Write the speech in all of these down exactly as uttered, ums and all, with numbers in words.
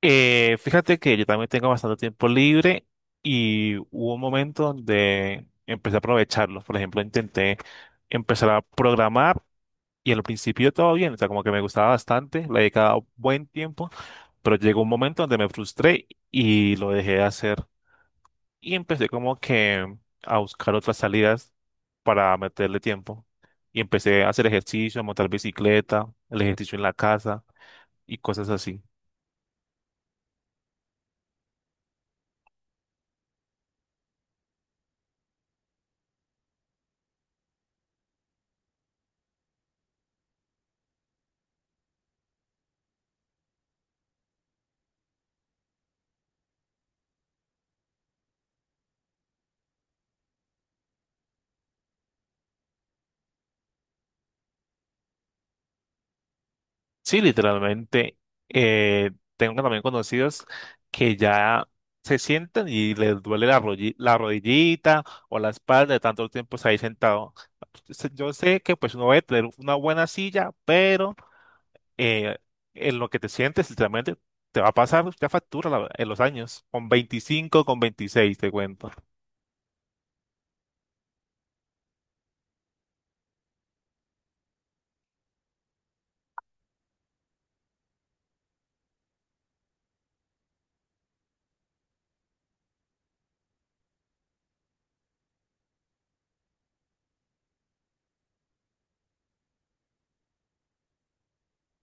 Eh, fíjate que yo también tengo bastante tiempo libre y hubo un momento donde empecé a aprovecharlo. Por ejemplo, intenté empezar a programar y al principio todo bien, o sea, como que me gustaba bastante, le dedicaba buen tiempo, pero llegó un momento donde me frustré y lo dejé de hacer y empecé como que a buscar otras salidas para meterle tiempo. Y empecé a hacer ejercicio, a montar bicicleta, el ejercicio en la casa y cosas así. Sí, literalmente. eh, Tengo también conocidos que ya se sientan y les duele la, rolli- la rodillita o la espalda de tanto tiempo estar ahí sentado. Se- Yo sé que pues uno debe tener una buena silla, pero eh, en lo que te sientes literalmente te va a pasar ya factura la- en los años, con veinticinco, con veintiséis te cuento.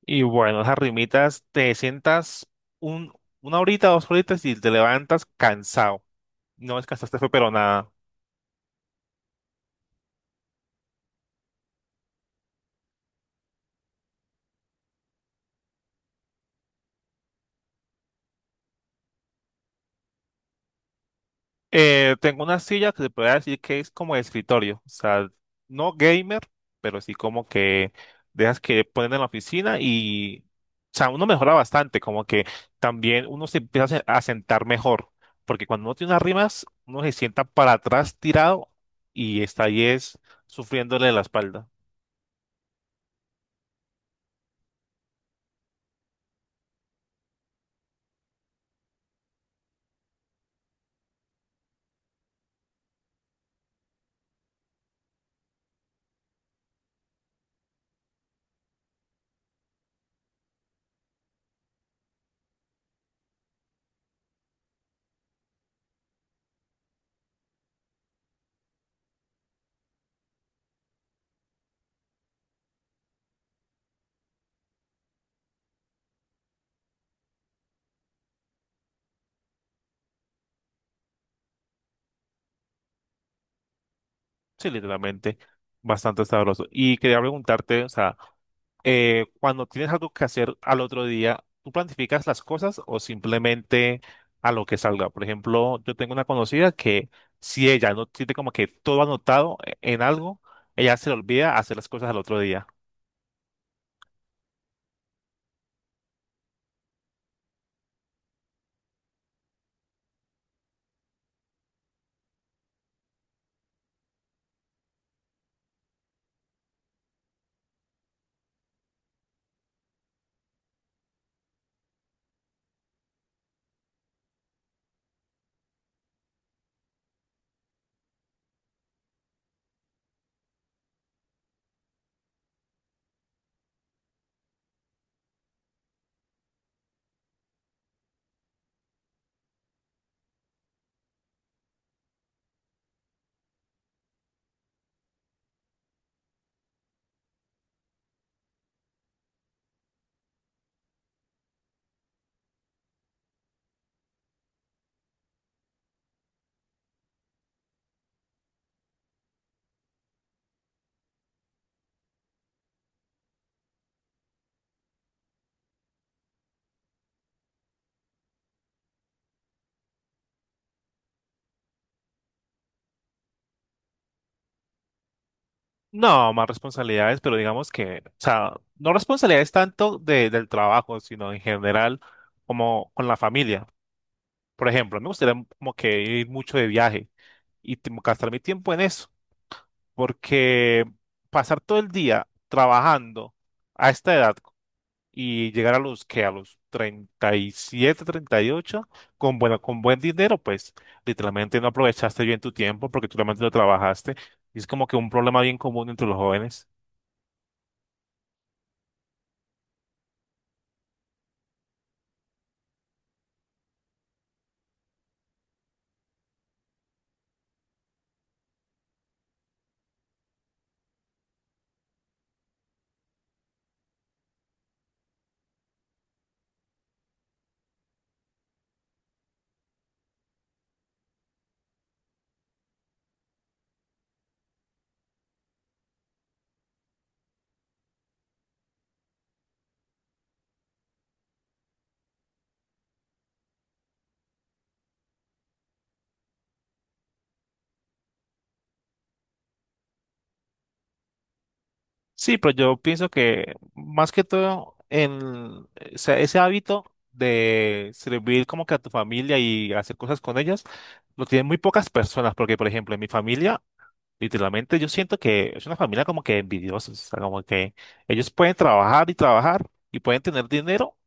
Y bueno, esas rimitas te sientas un, una horita, dos horitas y te levantas cansado. No descansaste, fue pero nada. Eh, tengo una silla que se puede decir que es como de escritorio, o sea, no gamer, pero sí como que dejas que ponen en la oficina y, o sea, uno mejora bastante, como que también uno se empieza a se- a sentar mejor, porque cuando uno tiene unas rimas, uno se sienta para atrás tirado y está ahí es sufriéndole la espalda, sí, literalmente, bastante sabroso. Y quería preguntarte, o sea, eh, cuando tienes algo que hacer al otro día, ¿tú planificas las cosas o simplemente a lo que salga? Por ejemplo, yo tengo una conocida que si ella no tiene como que todo anotado e- en algo, ella se le olvida hacer las cosas al otro día. No, más responsabilidades, pero digamos que, o sea, no responsabilidades tanto de, del trabajo, sino en general como con la familia. Por ejemplo, me gustaría como que ir mucho de viaje y tipo, gastar mi tiempo en eso porque pasar todo el día trabajando a esta edad y llegar a los que a los treinta y siete, treinta y ocho con bueno, con buen dinero, pues literalmente no aprovechaste bien tu tiempo porque tú realmente no trabajaste. Y es como que un problema bien común entre los jóvenes. Sí, pero yo pienso que más que todo en ese, ese hábito de servir como que a tu familia y hacer cosas con ellas, lo tienen muy pocas personas, porque por ejemplo en mi familia literalmente yo siento que es una familia como que envidiosa, o sea, como que ellos pueden trabajar y trabajar y pueden tener dinero,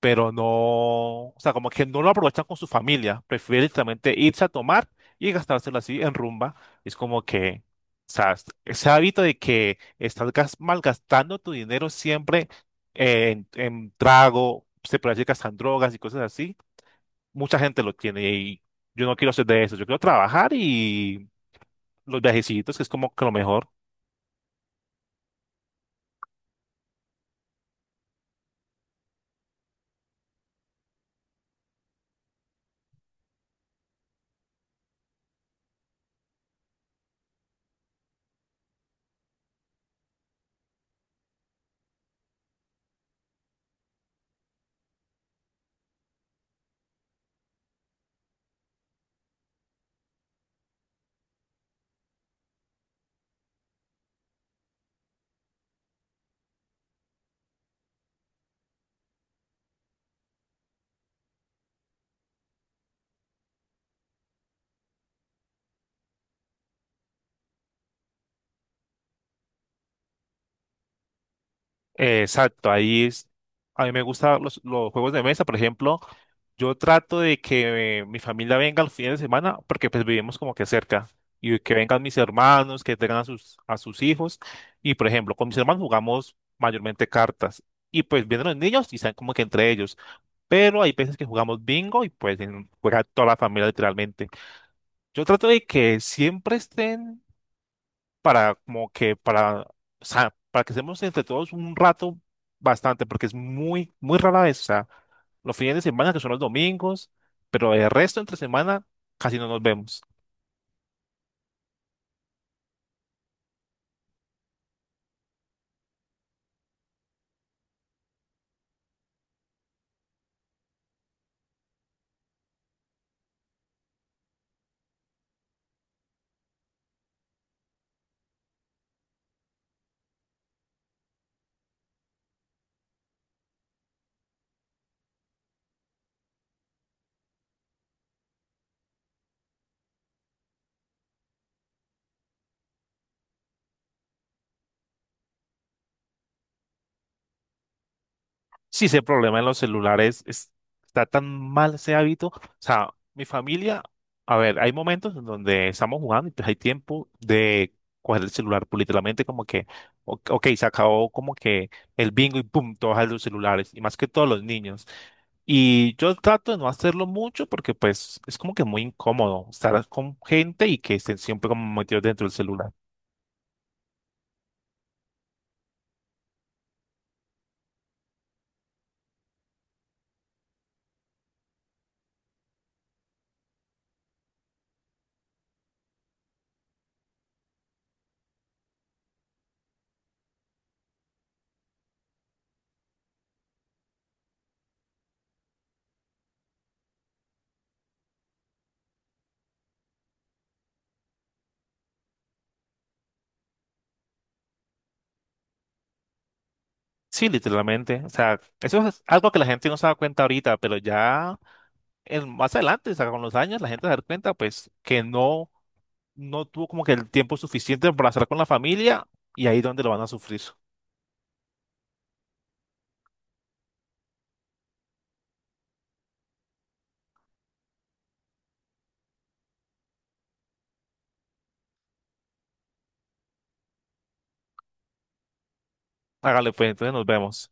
pero no, o sea, como que no lo aprovechan con su familia, prefieren literalmente irse a tomar y gastárselo así en rumba. Es como que, o sea, es- ese hábito de que estás gas- malgastando tu dinero siempre en, en trago, se puede decir que hasta en drogas y cosas así, mucha gente lo tiene y yo no quiero ser de eso, yo quiero trabajar y los viajecitos, que es como que lo mejor. Eh, Exacto, ahí es. A mí me gustan los, los juegos de mesa, por ejemplo. Yo trato de que eh, mi familia venga al fin de semana porque pues vivimos como que cerca y que vengan mis hermanos, que tengan a sus, a sus hijos. Y por ejemplo, con mis hermanos jugamos mayormente cartas y pues vienen los niños y están como que entre ellos. Pero hay veces que jugamos bingo y pues en- juega toda la familia literalmente. Yo trato de que siempre estén para como que para, o sea, para que estemos entre todos un rato bastante, porque es muy, muy rara vez, o sea, los fines de semana que son los domingos, pero el resto entre semana casi no nos vemos. Sí, ese problema en los celulares es- está tan mal ese hábito. O sea, mi familia, a ver, hay momentos en donde estamos jugando y pues hay tiempo de coger el celular, pues literalmente como que, o- ok, se acabó como que el bingo y pum, todos a los celulares, y más que todos los niños. Y yo trato de no hacerlo mucho porque pues es como que muy incómodo estar con gente y que estén siempre como metidos dentro del celular. Sí, literalmente. O sea, eso es algo que la gente no se da cuenta ahorita, pero ya el- más adelante, o sea, con los años, la gente se da cuenta, pues, que no, no tuvo como que el tiempo suficiente para estar con la familia y ahí es donde lo van a sufrir. Hágale, pues, entonces nos vemos.